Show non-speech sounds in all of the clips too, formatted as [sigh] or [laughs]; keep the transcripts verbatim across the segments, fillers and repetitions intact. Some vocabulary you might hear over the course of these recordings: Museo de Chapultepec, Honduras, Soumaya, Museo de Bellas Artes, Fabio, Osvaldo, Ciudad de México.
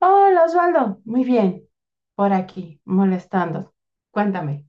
Hola Osvaldo, muy bien, por aquí, molestando. Cuéntame.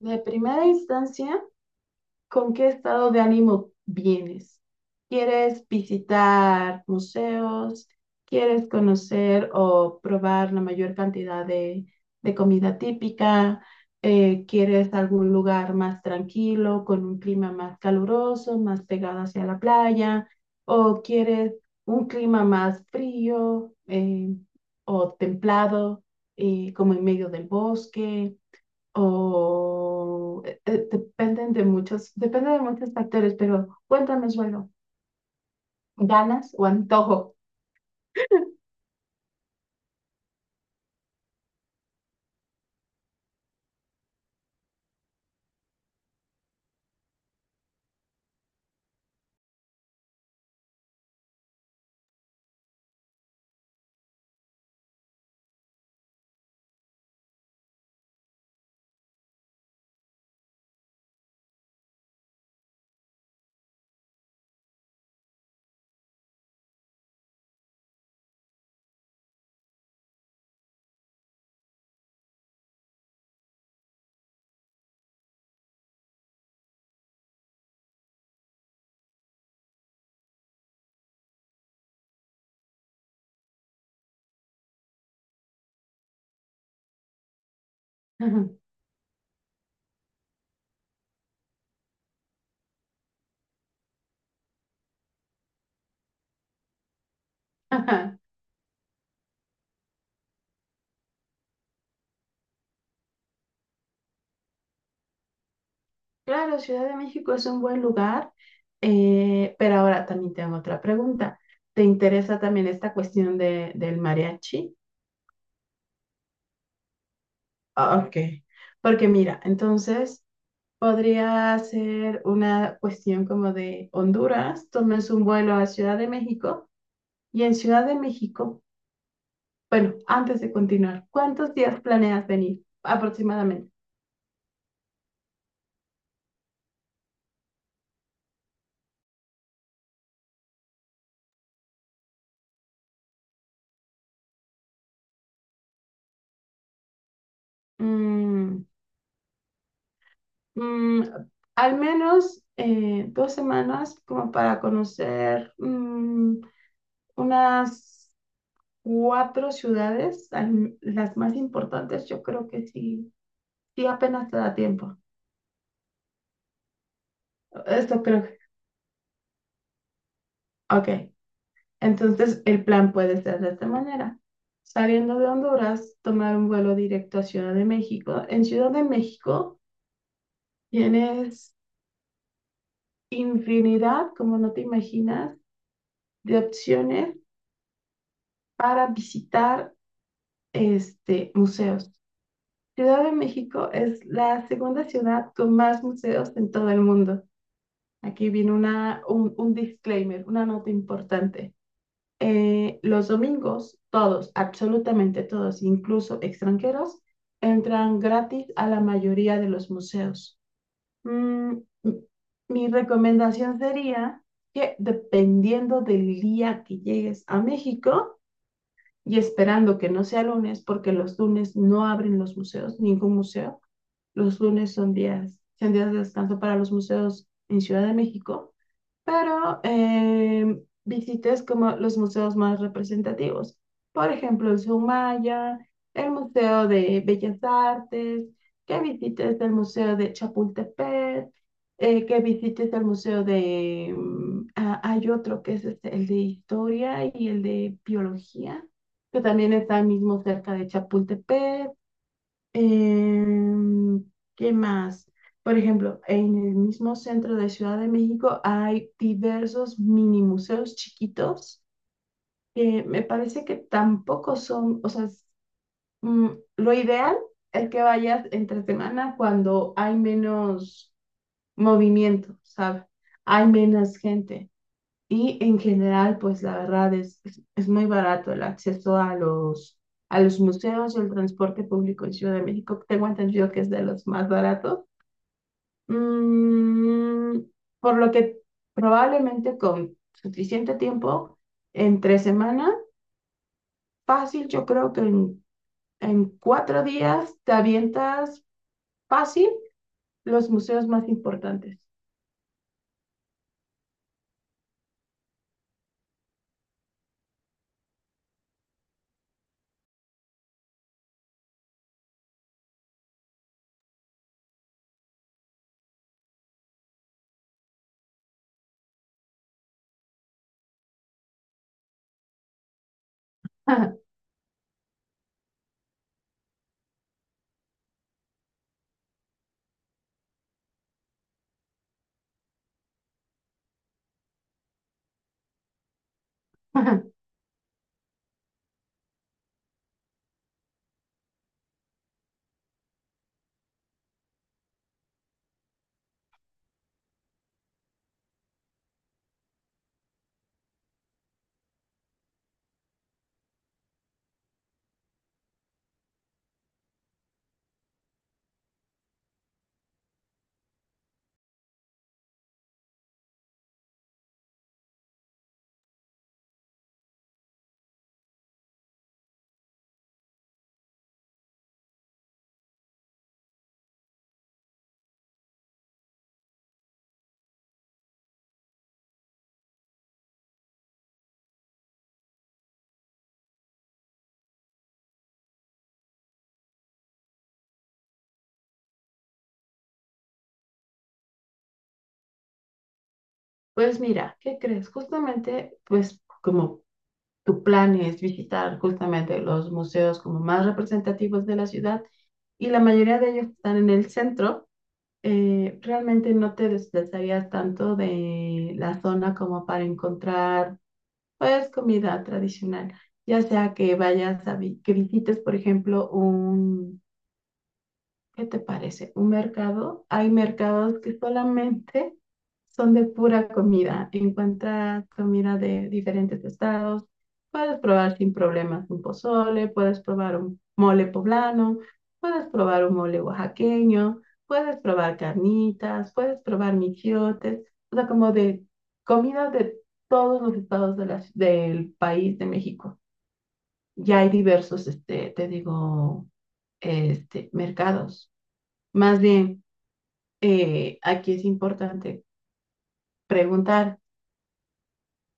De primera instancia, ¿con qué estado de ánimo vienes? ¿Quieres visitar museos? ¿Quieres conocer o probar la mayor cantidad de, de comida típica? Eh, ¿quieres algún lugar más tranquilo, con un clima más caluroso, más pegado hacia la playa? ¿O quieres un clima más frío eh, o templado, eh, como en medio del bosque? O eh, eh, dependen de muchos, depende de muchos factores, pero cuéntame, suelo, ¿ganas o antojo? [laughs] Ajá. Claro, Ciudad de México es un buen lugar, eh, pero ahora también tengo otra pregunta. ¿Te interesa también esta cuestión de, del mariachi? Ah, ok, porque mira, entonces podría ser una cuestión como de Honduras, tomes un vuelo a Ciudad de México y en Ciudad de México. Bueno, antes de continuar, ¿cuántos días planeas venir aproximadamente? Mm, mm, Al menos eh, dos semanas como para conocer mm, unas cuatro ciudades, al- las más importantes, yo creo que sí, sí apenas te da tiempo. Esto creo que. Ok, entonces el plan puede ser de esta manera. Saliendo de Honduras, tomar un vuelo directo a Ciudad de México. En Ciudad de México tienes infinidad, como no te imaginas, de opciones para visitar este, museos. Ciudad de México es la segunda ciudad con más museos en todo el mundo. Aquí viene una, un, un disclaimer, una nota importante. Eh, los domingos, todos, absolutamente todos, incluso extranjeros, entran gratis a la mayoría de los museos. Mm, m- Mi recomendación sería que dependiendo del día que llegues a México y esperando que no sea lunes, porque los lunes no abren los museos, ningún museo, los lunes son días, son días de descanso para los museos en Ciudad de México, pero em, visites como los museos más representativos. Por ejemplo, el Soumaya, el Museo de Bellas Artes, que visites el Museo de Chapultepec, eh, que visites el Museo de. Mm, ah, hay otro que es este, el de Historia y el de Biología, que también está mismo cerca de Chapultepec. Em, ¿Qué más? Por ejemplo, en el mismo centro de Ciudad de México hay diversos mini museos chiquitos que me parece que tampoco son, o sea, es, mm, lo ideal es que vayas entre semana cuando hay menos movimiento, ¿sabes? Hay menos gente. Y en general, pues la verdad es, es, es muy barato el acceso a los, a los museos y el transporte público en Ciudad de México. Tengo entendido que es de los más baratos. Mm, por lo que probablemente con suficiente tiempo, entre semana, fácil, yo creo que en, en cuatro días te avientas fácil los museos más importantes. [laughs] Pues mira, ¿qué crees? Justamente, pues como tu plan es visitar justamente los museos como más representativos de la ciudad y la mayoría de ellos están en el centro, eh, realmente no te desplazarías tanto de la zona como para encontrar pues comida tradicional, ya sea que vayas a vi- que visites, por ejemplo, un. ¿Qué te parece? Un mercado. Hay mercados que solamente son de pura comida. Encuentras comida de diferentes estados. Puedes probar sin problemas un pozole, puedes probar un mole poblano, puedes probar un mole oaxaqueño, puedes probar carnitas, puedes probar michiotes. O sea, como de comida de todos los estados de la- del país de México. Ya hay diversos, este, te digo, este, mercados. Más bien, eh, aquí es importante preguntar,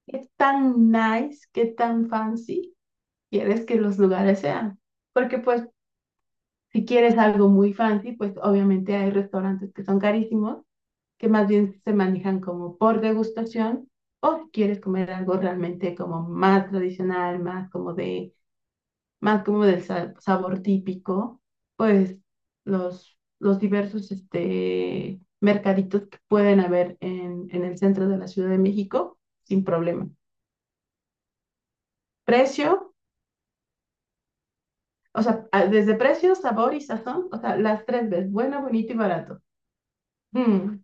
¿qué tan nice, qué tan fancy quieres que los lugares sean? Porque pues si quieres algo muy fancy, pues obviamente hay restaurantes que son carísimos, que más bien se manejan como por degustación, o si quieres comer algo realmente como más tradicional, más como de más como del sa- sabor típico, pues los, los diversos este, mercaditos que pueden haber en, en el centro de la Ciudad de México, sin problema. Precio, o sea, a- desde precio, sabor y sazón, o sea, las tres veces, bueno, bonito y barato. Mm,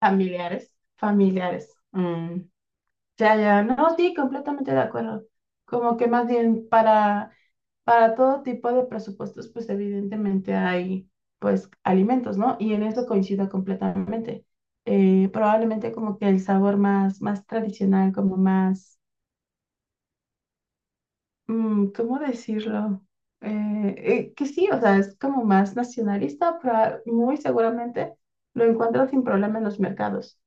Familiares, familiares. Mm, ya, ya, no, sí, completamente de acuerdo. Como que más bien para Para todo tipo de presupuestos, pues evidentemente hay pues alimentos, ¿no? Y en eso coincido completamente. Eh, probablemente como que el sabor más, más tradicional, como más, mm, ¿cómo decirlo? Eh, eh, que sí, o sea, es como más nacionalista, pero muy seguramente lo encuentro sin problema en los mercados,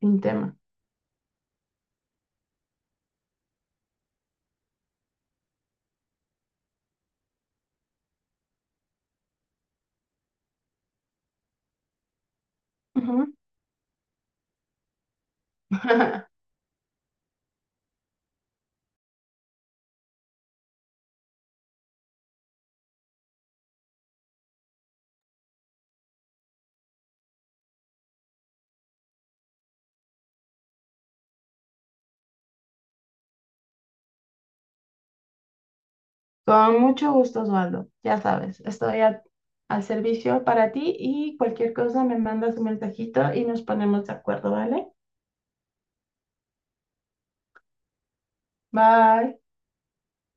sin tema. Ujú. [laughs] Con mucho gusto, Osvaldo. Ya sabes, estoy a- al servicio para ti y cualquier cosa me mandas un mensajito y nos ponemos de acuerdo, ¿vale? Bye.